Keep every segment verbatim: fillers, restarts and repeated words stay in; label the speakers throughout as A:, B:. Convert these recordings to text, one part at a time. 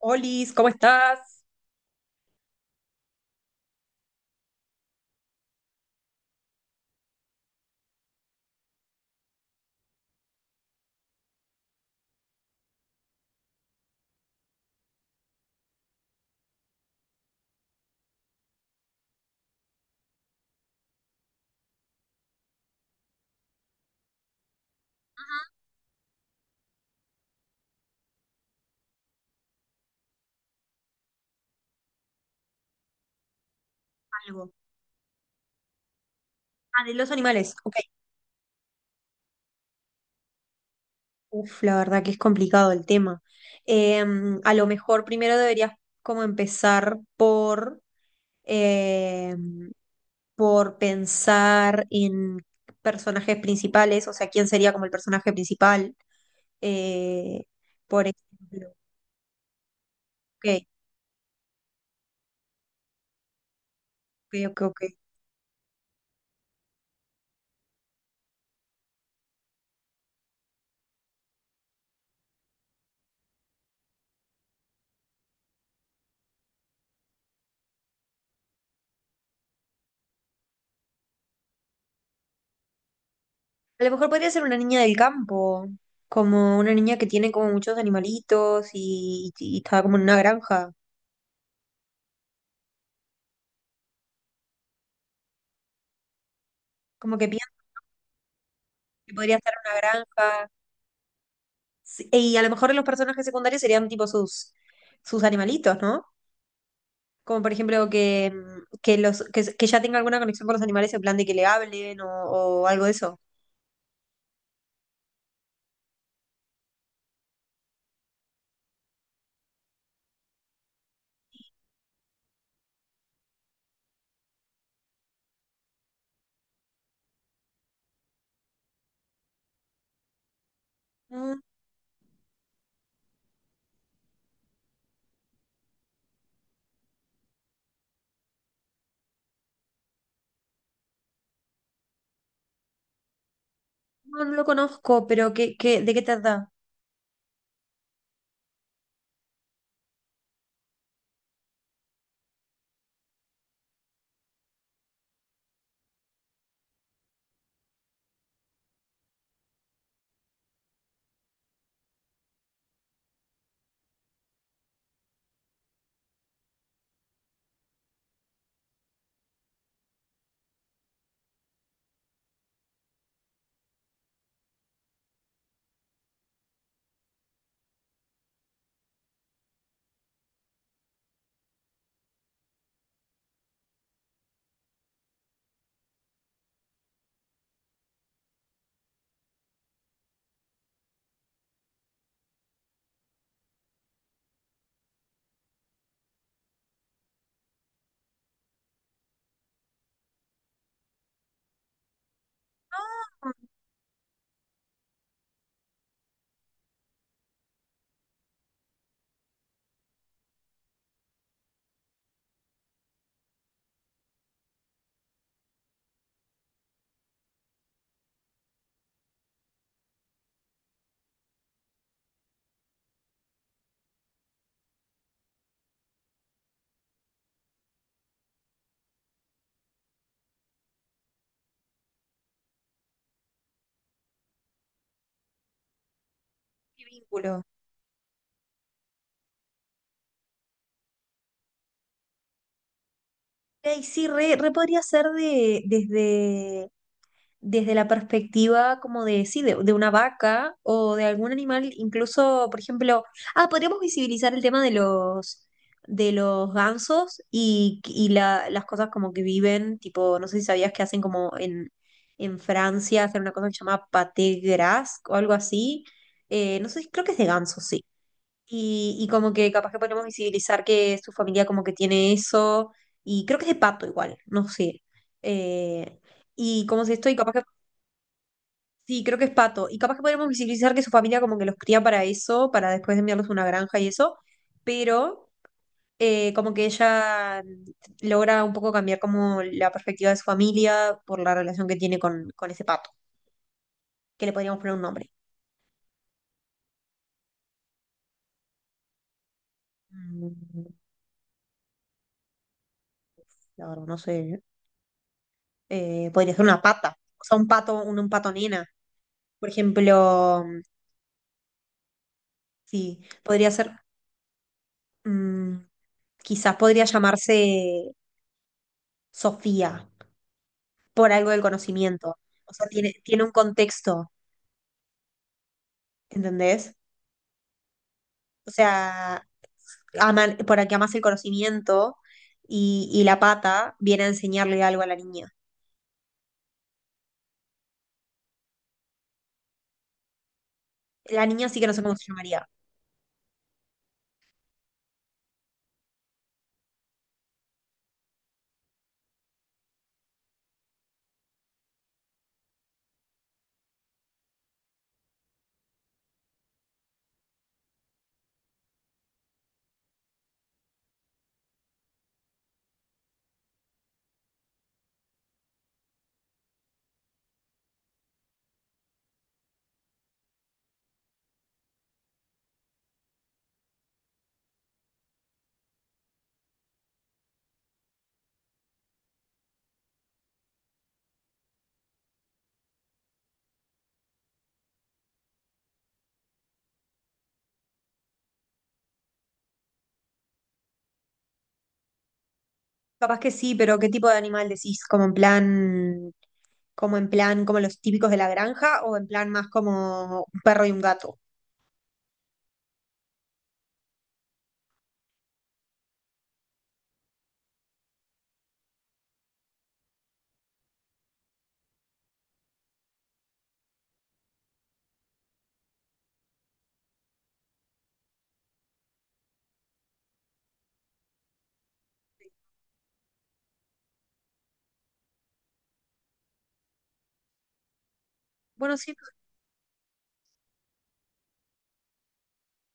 A: Olis, ¿cómo estás? Algo. Ah, de los animales. Ok. Uf, la verdad que es complicado el tema. Em, a lo mejor primero deberías como empezar por, em, por pensar en personajes principales, o sea, quién sería como el personaje principal. eh, por ejemplo, ok, ok, ok, ok. A lo mejor podría ser una niña del campo, como una niña que tiene como muchos animalitos y, y y está como en una granja. Como que piensan que podría estar en una granja. Sí, y a lo mejor los personajes secundarios serían tipo sus, sus animalitos, ¿no? Como por ejemplo que, mm, que, los, que, que ya tenga alguna conexión con los animales en plan de que le hablen o, o algo de eso. Mm. No, no lo conozco, pero ¿qué, qué, ¿de qué trata? Mm. ¿Qué vínculo? Ey, sí, re, re podría ser de, desde, desde la perspectiva como de, sí, de, de una vaca o de algún animal, incluso, por ejemplo, ah, podríamos visibilizar el tema de los, de los gansos y, y la- las cosas como que viven, tipo, no sé si sabías que hacen como en, en Francia, hacen una cosa que se llama pâté gras o algo así. Eh, no sé, creo que es de gansos, sí. Y, y como que capaz que podemos visibilizar que su familia como que tiene eso, y creo que es de pato igual, no sé. Eh, y como si estoy capaz que sí, creo que es pato. Y capaz que podríamos visibilizar que su familia como que los cría para eso, para después enviarlos a una granja y eso, pero eh, como que ella logra un poco cambiar como la perspectiva de su familia por la relación que tiene con, con ese pato, que le podríamos poner un nombre. Mm, la verdad, no sé. Eh, podría ser una pata, o sea, un pato, un, un pato nena. Por ejemplo, sí, podría ser, mm, quizás podría llamarse Sofía. Por algo del conocimiento. O sea, tiene, tiene un contexto, ¿entendés? O sea, aman, por aquí amas el conocimiento y, y la pata viene a enseñarle algo a la niña. La niña sí que no sé cómo se llamaría. Capaz que sí, pero ¿qué tipo de animal decís? ¿Como en plan, como en plan, como los típicos de la granja o en plan más como un perro y un gato? Bueno, sí,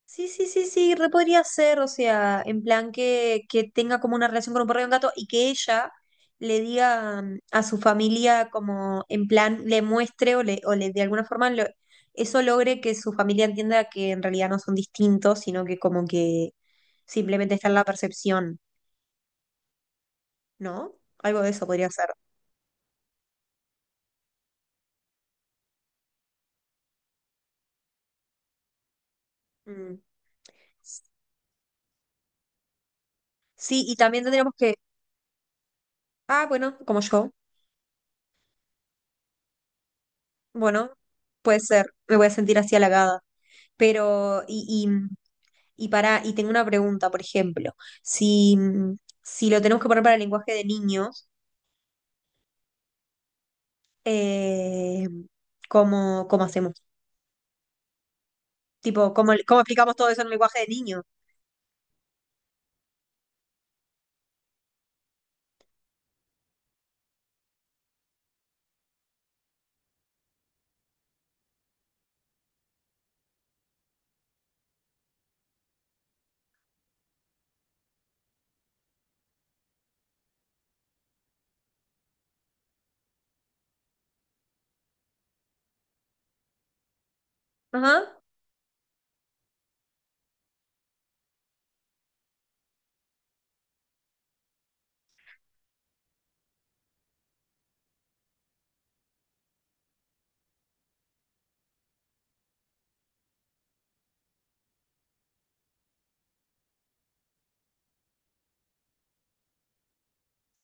A: Sí, sí, sí, sí, re podría ser, o sea, en plan que, que tenga como una relación con un perro y un gato y que ella le diga mm, a su familia como en plan le muestre o le, o le de alguna forma lo- eso logre que su familia entienda que en realidad no son distintos, sino que como que simplemente está en la percepción, ¿no? Algo de eso podría ser. Mm. Sí, y también tendríamos que, ah, bueno, como yo, bueno, puede ser, me voy a sentir así halagada. Pero, y, Y para, y tengo una pregunta, por ejemplo, si, mm, si lo tenemos que poner para el lenguaje de niños, eh, ¿cómo, ¿cómo hacemos? Tipo, ¿cómo, ¿cómo explicamos todo eso en un lenguaje de niños? Ajá.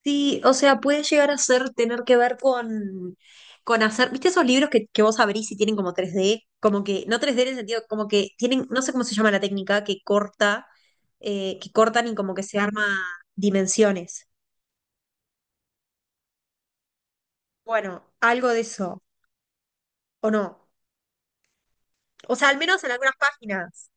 A: Sí, o sea, puede llegar a ser tener que ver con, con hacer, ¿viste esos libros que, que vos abrís y tienen como tres d? Como que, no tres d en el sentido, como que tienen, no sé cómo se llama la técnica, que corta, eh, que cortan y como que se arma dimensiones. Bueno, algo de eso, ¿o no? O sea, al menos en algunas páginas.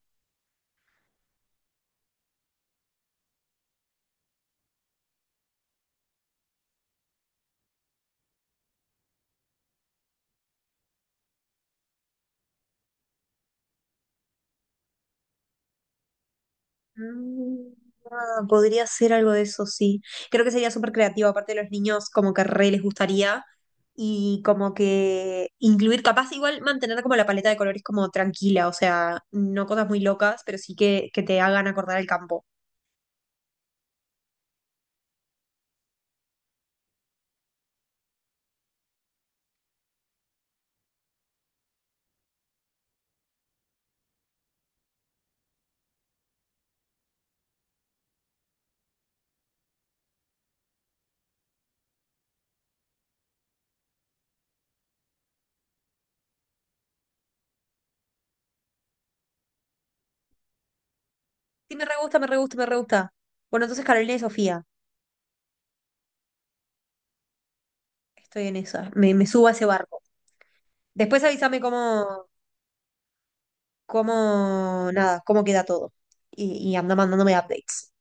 A: Mm, ah, podría ser algo de eso, sí. Creo que sería súper creativo, aparte de los niños, como que re les gustaría. Y como que incluir, capaz igual mantener como la paleta de colores como tranquila, o sea, no cosas muy locas, pero sí que, que te hagan acordar el campo. Sí, me re gusta, me re gusta, me re gusta. Bueno, entonces Carolina y Sofía, estoy en esa, me, me subo a ese barco. Después avísame cómo, cómo, nada, cómo queda todo. Y, y anda mandándome updates.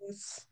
A: Yes.